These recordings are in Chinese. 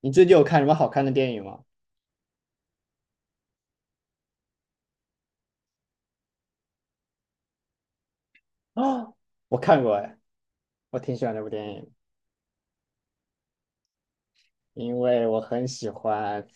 你最近有看什么好看的电影吗？啊，我看过哎，我挺喜欢这部电影。因为我很喜欢，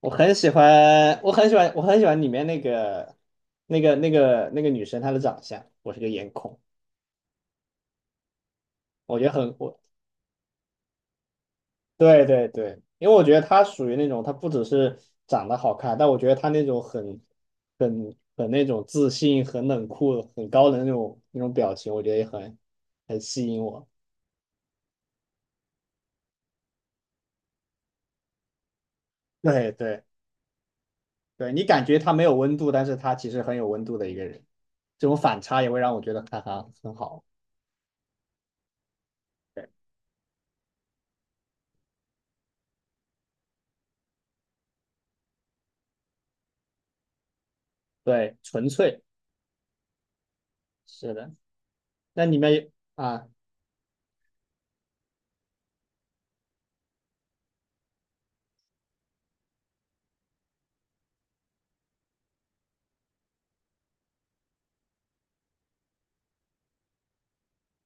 我很喜欢，我很喜欢，我很喜欢里面那个女生她的长相，我是个颜控。我觉得很我对对对，因为我觉得她属于那种，她不只是长得好看，但我觉得她那种很那种自信、很冷酷、很高冷的那种表情，我觉得也很吸引我。对对。对，你感觉他没有温度，但是他其实很有温度的一个人，这种反差也会让我觉得，哈哈，很好。对对，纯粹，是的。那里面有啊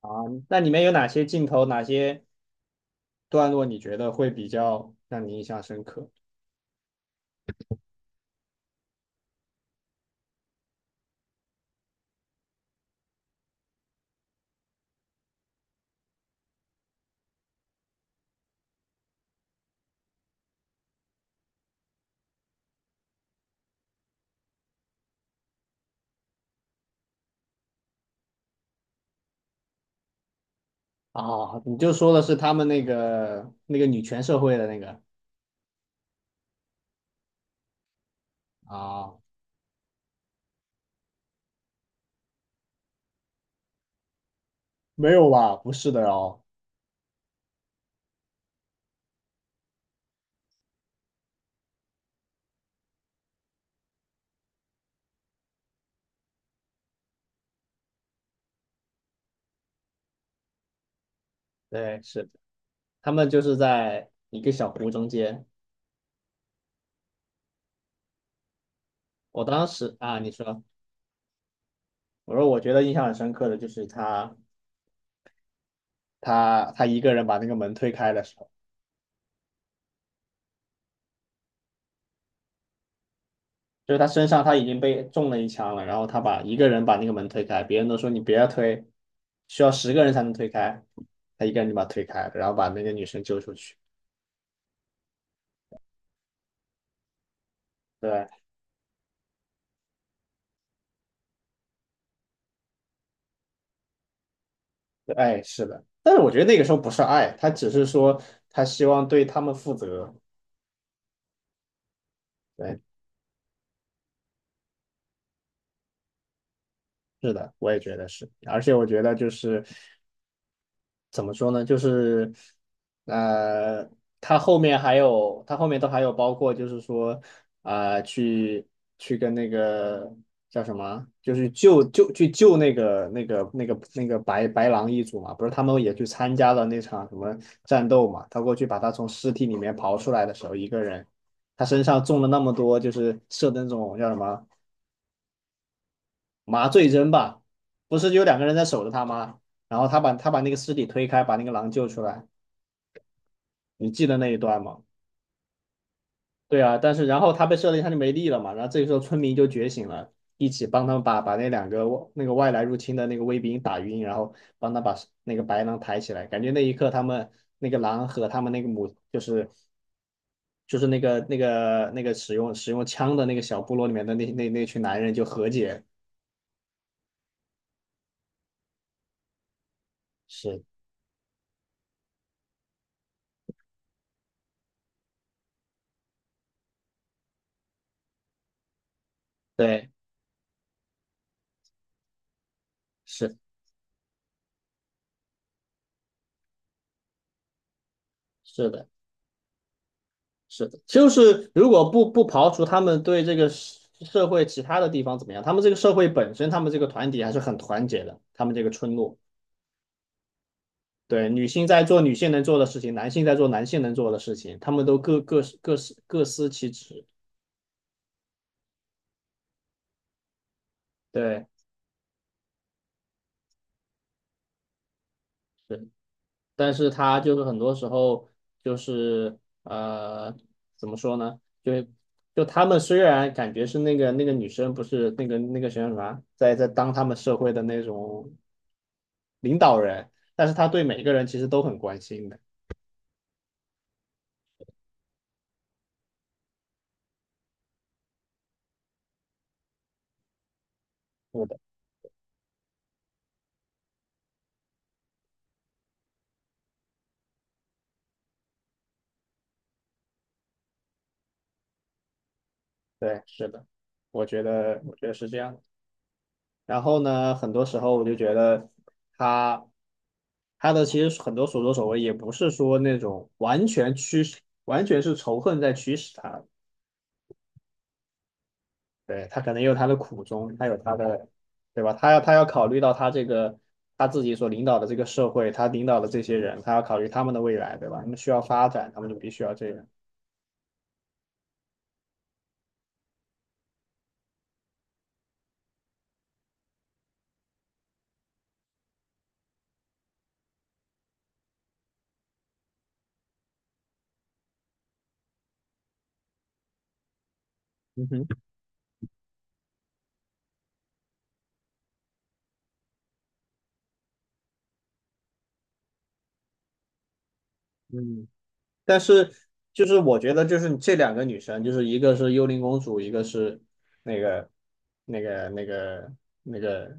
啊，那里面有哪些镜头、哪些段落你觉得会比较让你印象深刻啊？你就说的是他们那个女权社会的那个啊？没有吧？不是的哦。对，是的，他们就是在一个小湖中间。我当时啊，你说，我说我觉得印象很深刻的就是他。一个人把那个门推开的时候，就是他身上他已经被中了一枪了，然后他一个人把那个门推开，别人都说你别要推，需要十个人才能推开，他一个人就把它推开了，然后把那个女生救出去。对，哎，是的，但是我觉得那个时候不是爱，他只是说他希望对他们负责。对，是的，我也觉得是。而且我觉得就是怎么说呢？呃，他后面还有，他后面都还有，包括就是说，啊、去跟那个叫什么，就是救那个白狼一族嘛。不是他们也去参加了那场什么战斗嘛？他过去把他从尸体里面刨出来的时候，一个人，他身上中了那么多，就是射的那种，叫什么麻醉针吧？不是有两个人在守着他吗？然后他把那个尸体推开，把那个狼救出来，你记得那一段吗？对啊，但是然后他被设一他就没力了嘛。然后这个时候村民就觉醒了，一起帮他们把那两个那个外来入侵的那个卫兵打晕，然后帮他把那个白狼抬起来。感觉那一刻，他们那个狼和他们那个母就是那个使用枪的那个小部落里面的那群男人就和解。是，对，是是的。是的，就是如果不刨除他们对这个社会其他的地方怎么样，他们这个社会本身，他们这个团体还是很团结的。他们这个村落，对，女性在做女性能做的事情，男性在做男性能做的事情，他们都各司其职。对，是。但是他就是很多时候就是，呃，怎么说呢？就是他们虽然感觉是那个女生，不是那个谁啥，在当他们社会的那种领导人，但是他对每个人其实都很关心的。是的，对，是的，我觉得，是这样的。然后呢，很多时候我就觉得，他他其实很多所作所为也不是说那种完全驱使，完全是仇恨在驱使他。对，他可能也有他的苦衷，他有他的，对吧？他要考虑到他这个他自己所领导的这个社会，他领导的这些人，他要考虑他们的未来，对吧？他们需要发展，他们就必须要这样。嗯哼。嗯，但是就是我觉得就是，这两个女生，就是一个是幽灵公主，一个是那个那个那个那个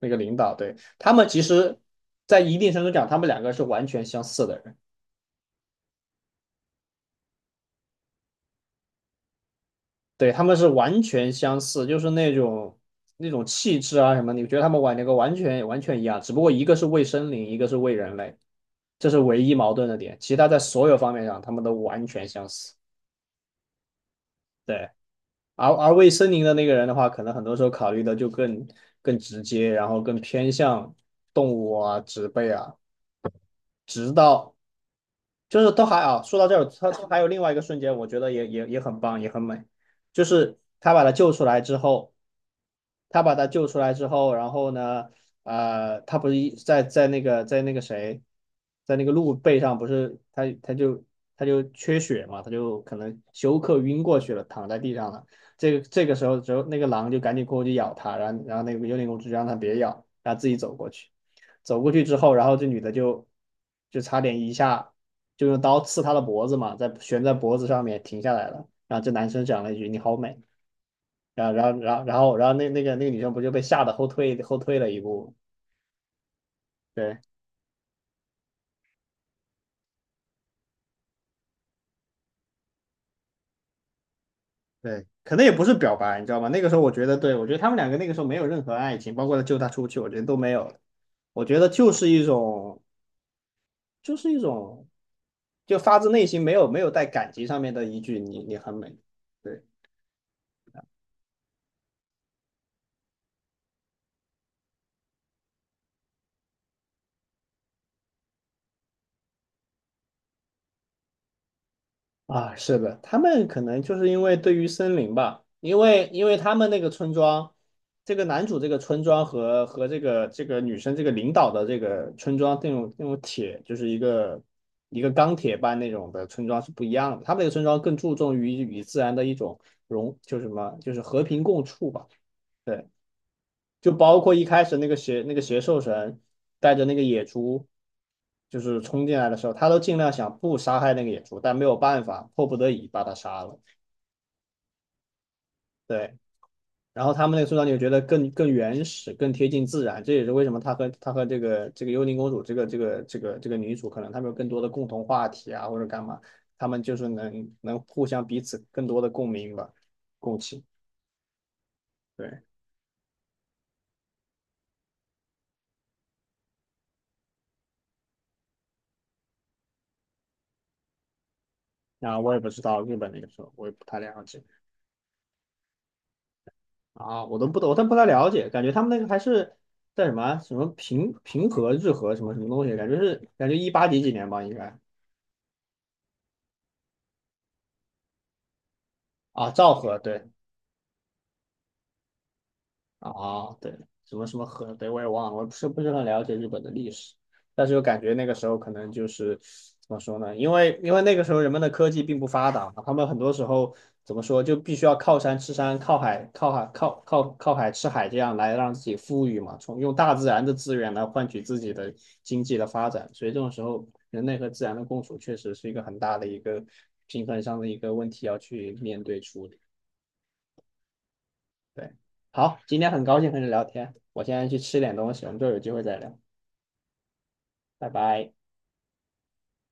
那个领导，对。他们其实，在一定程度讲，他们两个是完全相似的人。对，他们是完全相似，就是那种，气质啊什么，你觉得他们玩那个完全一样。只不过一个是为森林，一个是为人类，这是唯一矛盾的点。其他在所有方面上，他们都完全相似。对，而为森林的那个人的话，可能很多时候考虑的就更直接，然后更偏向动物啊、植被啊，直到就是都还啊。说到这儿，他还有另外一个瞬间，我觉得也很棒，也很美。就是他把他救出来之后，然后呢，他不是在在那个在那个谁，在那个鹿背上？不是他就就缺血嘛，他就可能休克晕过去了，躺在地上了。这个时候，之后那个狼就赶紧过去咬他，然后，那个幽灵公主就让他别咬，然后自己走过去。走过去之后，然后这女的就，就差点一下就用刀刺他的脖子嘛，在悬在脖子上面停下来了。然后这男生讲了一句："你好美。"然后那个女生不就被吓得后退了一步？对，对，可能也不是表白。你知道吗？那个时候我觉得，对，我觉得他们两个那个时候没有任何爱情，包括他救她出去，我觉得都没有。我觉得就是一种，就是一种，就发自内心，没有带感情上面的一句，你很美。对。啊，是的，他们可能就是因为对于森林吧。因为他们那个村庄，这个男主这个村庄，和这个女生这个领导的这个村庄那种铁，就是一个钢铁般那种的村庄是不一样的。他们那个村庄更注重于与自然的一种融，就是什么，就是和平共处吧。对。就包括一开始那个邪兽神带着那个野猪，就是冲进来的时候，他都尽量想不杀害那个野猪，但没有办法，迫不得已把他杀了。对，然后他们那个村长就觉得更原始，更贴近自然。这也是为什么他和这个幽灵公主这个女主可能他们有更多的共同话题啊，或者干嘛，他们就是能互相彼此更多的共鸣吧，共情。对，那我也不知道日本那个时候，我也不太了解。啊，我都不懂，我都不太了解，感觉他们那个还是在什么啊什么，平和日和什么什么东西，感觉是感觉一八几几年吧，应该。啊，昭和，对。啊，对，什么什么河，对，我也忘了，我不是很了解日本的历史，但是又感觉那个时候可能就是怎么说呢？因为那个时候人们的科技并不发达嘛，他们很多时候怎么说，就必须要靠山吃山，靠海吃海，这样来让自己富裕嘛，从用大自然的资源来换取自己的经济的发展。所以这种时候，人类和自然的共处确实是一个很大的一个平衡上的一个问题要去面对处理。对，好，今天很高兴和你聊天，我现在去吃点东西，我们之后有机会再聊，拜拜。